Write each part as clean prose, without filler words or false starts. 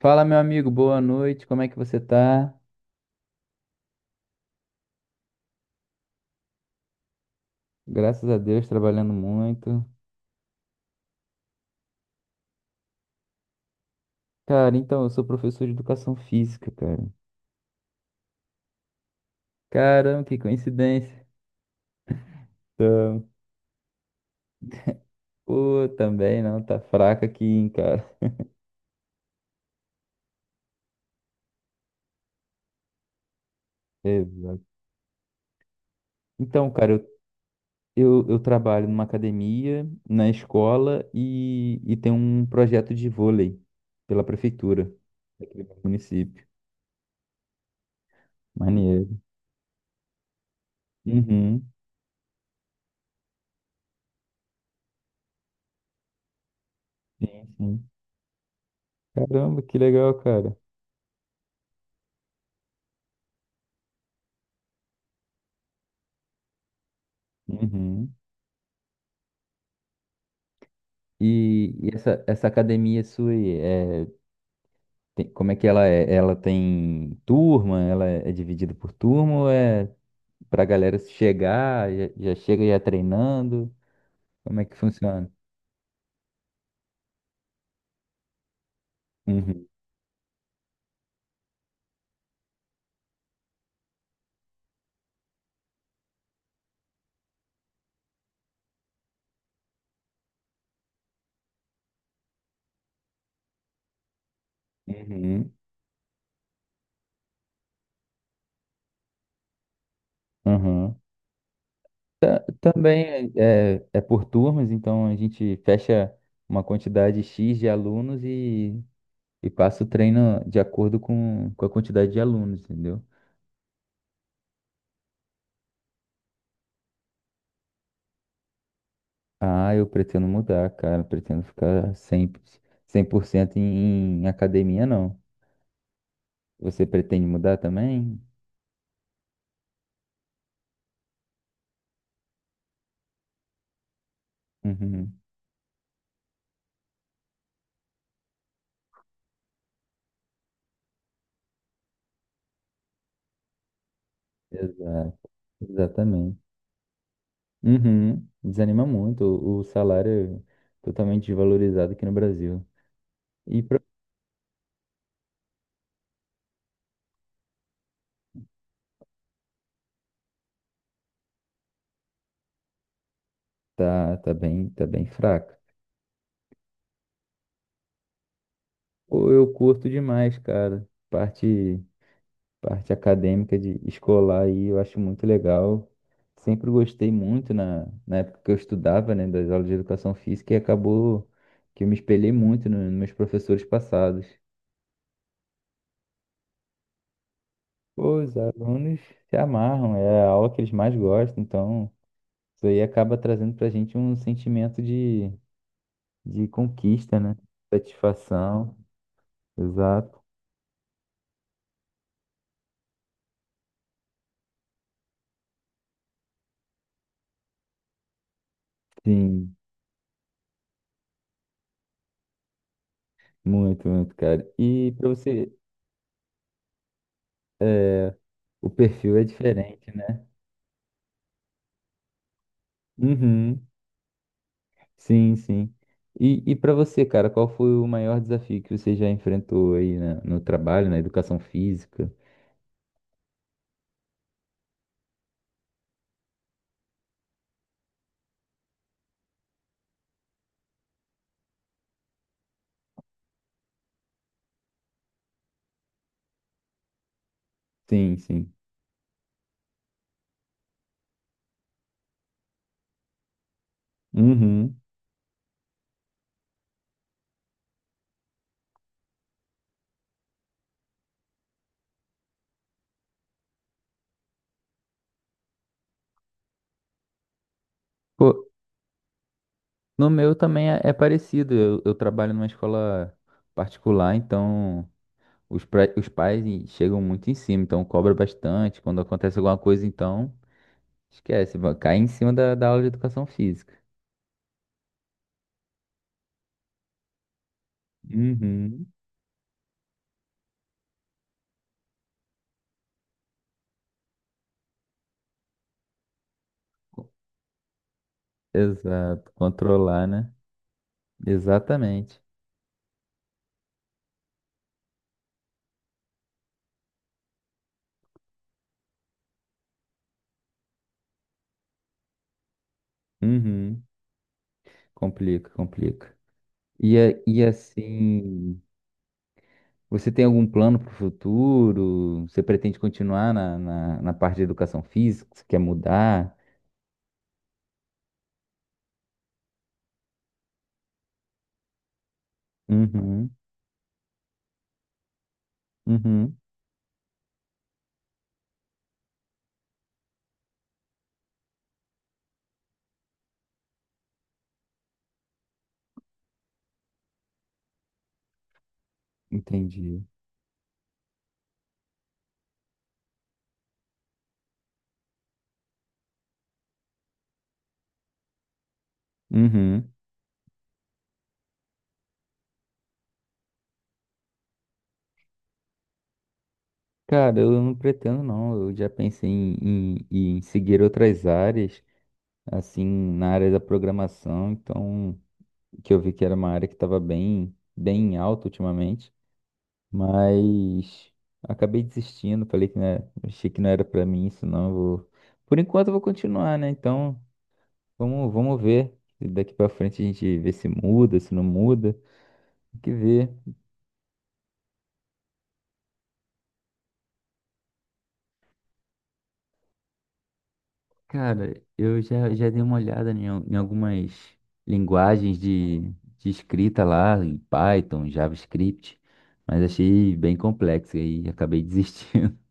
Fala, meu amigo, boa noite. Como é que você tá? Graças a Deus, trabalhando muito. Cara, então, eu sou professor de educação física, cara. Caramba, que coincidência. Então, pô, também não, tá fraca aqui, hein, cara. Exato. Então, cara, eu trabalho numa academia, na escola e tem um projeto de vôlei pela prefeitura aqui do município. Maneiro. Uhum. Sim, sim. Caramba, que legal, cara. Uhum. E essa, essa academia sua, aí, é, tem- como é que ela é? Ela tem turma? Ela é dividida por turma? Ou é pra galera chegar, já, já chega já treinando? Como é que funciona? Uhum, uhum, uhum. Também é, é por turmas, então a gente fecha uma quantidade X de alunos e passa o treino de acordo com a quantidade de alunos, entendeu? Ah, eu pretendo mudar, cara. Pretendo ficar 100%, 100% em, em academia, não. Você pretende mudar também? Uhum. Exato, exatamente. Uhum. Desanima muito. O salário é totalmente desvalorizado aqui no Brasil. E pra... tá, tá bem fraco. Pô, eu curto demais, cara. Parte. Parte acadêmica de escolar aí, eu acho muito legal. Sempre gostei muito na, na época que eu estudava, né, das aulas de educação física e acabou que eu me espelhei muito no- nos meus professores passados. Pô, os alunos se amarram, é a aula que eles mais gostam, então isso aí acaba trazendo pra gente um sentimento de conquista, né? Satisfação, exato. Sim, muito, muito, cara. E pra você, é, o perfil é diferente, né? Uhum. Sim, sim. E para você, cara, qual foi o maior desafio que você já enfrentou aí na- no trabalho, na educação física? Sim, sim. Uhum. Pô, no meu também é, é parecido. Eu trabalho numa escola particular, então os, pra- os pais e- chegam muito em cima, então cobra bastante. Quando acontece alguma coisa, então esquece, vai- cai em cima da, da aula de educação física. Uhum. Exato, controlar, né? Exatamente. Uhum. Complica, complica. E, a- e assim, você tem algum plano para o futuro? Você pretende continuar na, na, na parte de educação física? Você quer mudar? Uhum, uhum, entendi. Uhum. Cara, eu não pretendo não. Eu já pensei em seguir outras áreas, assim, na área da programação. Então, que eu vi que era uma área que estava bem, bem em alta ultimamente. Mas acabei desistindo, falei que não era- achei que não era pra mim isso não, eu vou. Por enquanto eu vou continuar, né? Então, vamos, vamos ver. Se Daqui pra frente a gente vê se muda, se não muda. Tem que ver. Cara, eu já, já dei uma olhada em, al- em algumas linguagens de escrita lá, em Python, JavaScript, mas achei bem complexo e aí acabei desistindo.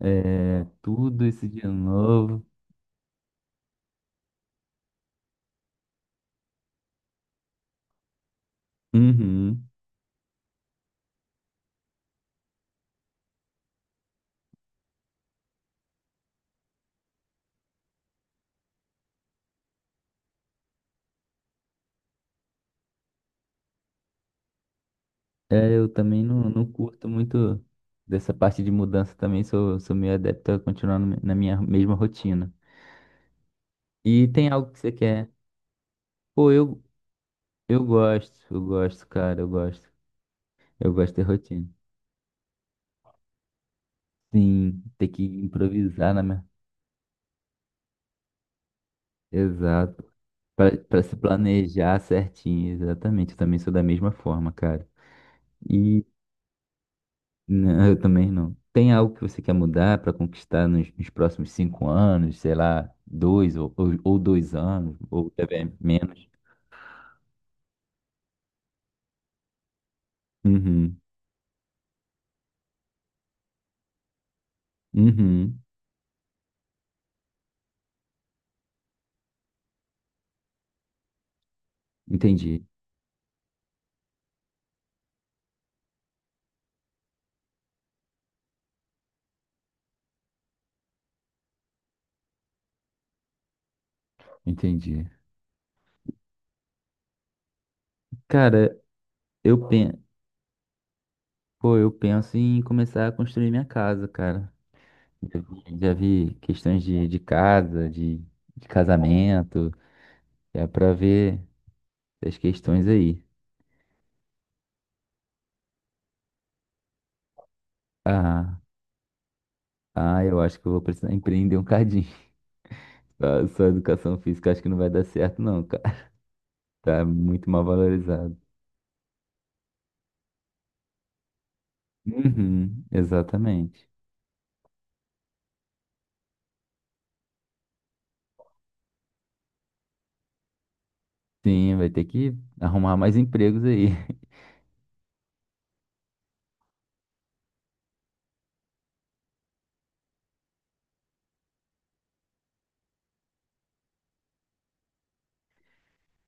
É, tudo isso de novo. Uhum. É, eu também não, não curto muito dessa parte de mudança também, sou, sou meio adepto a continuar no- na minha mesma rotina. E tem algo que você quer? Pô, eu gosto, cara, eu gosto. Eu gosto de ter rotina. Sim, ter que improvisar na minha... Exato. Pra, pra se planejar certinho, exatamente. Eu também sou da mesma forma, cara. Não, eu também não. Tem algo que você quer mudar para conquistar nos, nos próximos 5 anos, sei lá, dois ou 2 anos, ou até menos? Uhum, uhum. Entendi, entendi. Cara, eu penso, pô, eu penso em começar a construir minha casa, cara. Já vi questões de casa, de casamento, é para ver as questões aí. Ah, ah, eu acho que eu vou precisar empreender um cadinho. Só educação física acho que não vai dar certo, não, cara. Tá muito mal valorizado. Uhum, exatamente. Sim, vai ter que arrumar mais empregos aí.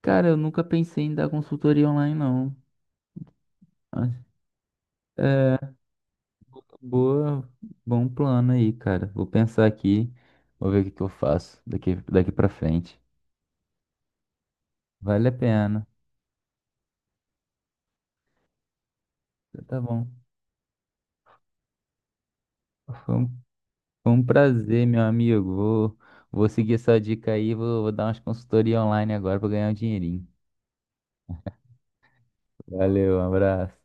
Cara, eu nunca pensei em dar consultoria online, não. Mas, É, boa, bom plano aí, cara. Vou pensar aqui, vou ver o que que eu faço daqui, daqui pra frente. Vale a pena. Tá bom. Foi um, foi um prazer, meu amigo. Vou, vou seguir essa dica aí, vou, vou dar umas consultorias online agora pra ganhar um dinheirinho. Valeu, um abraço.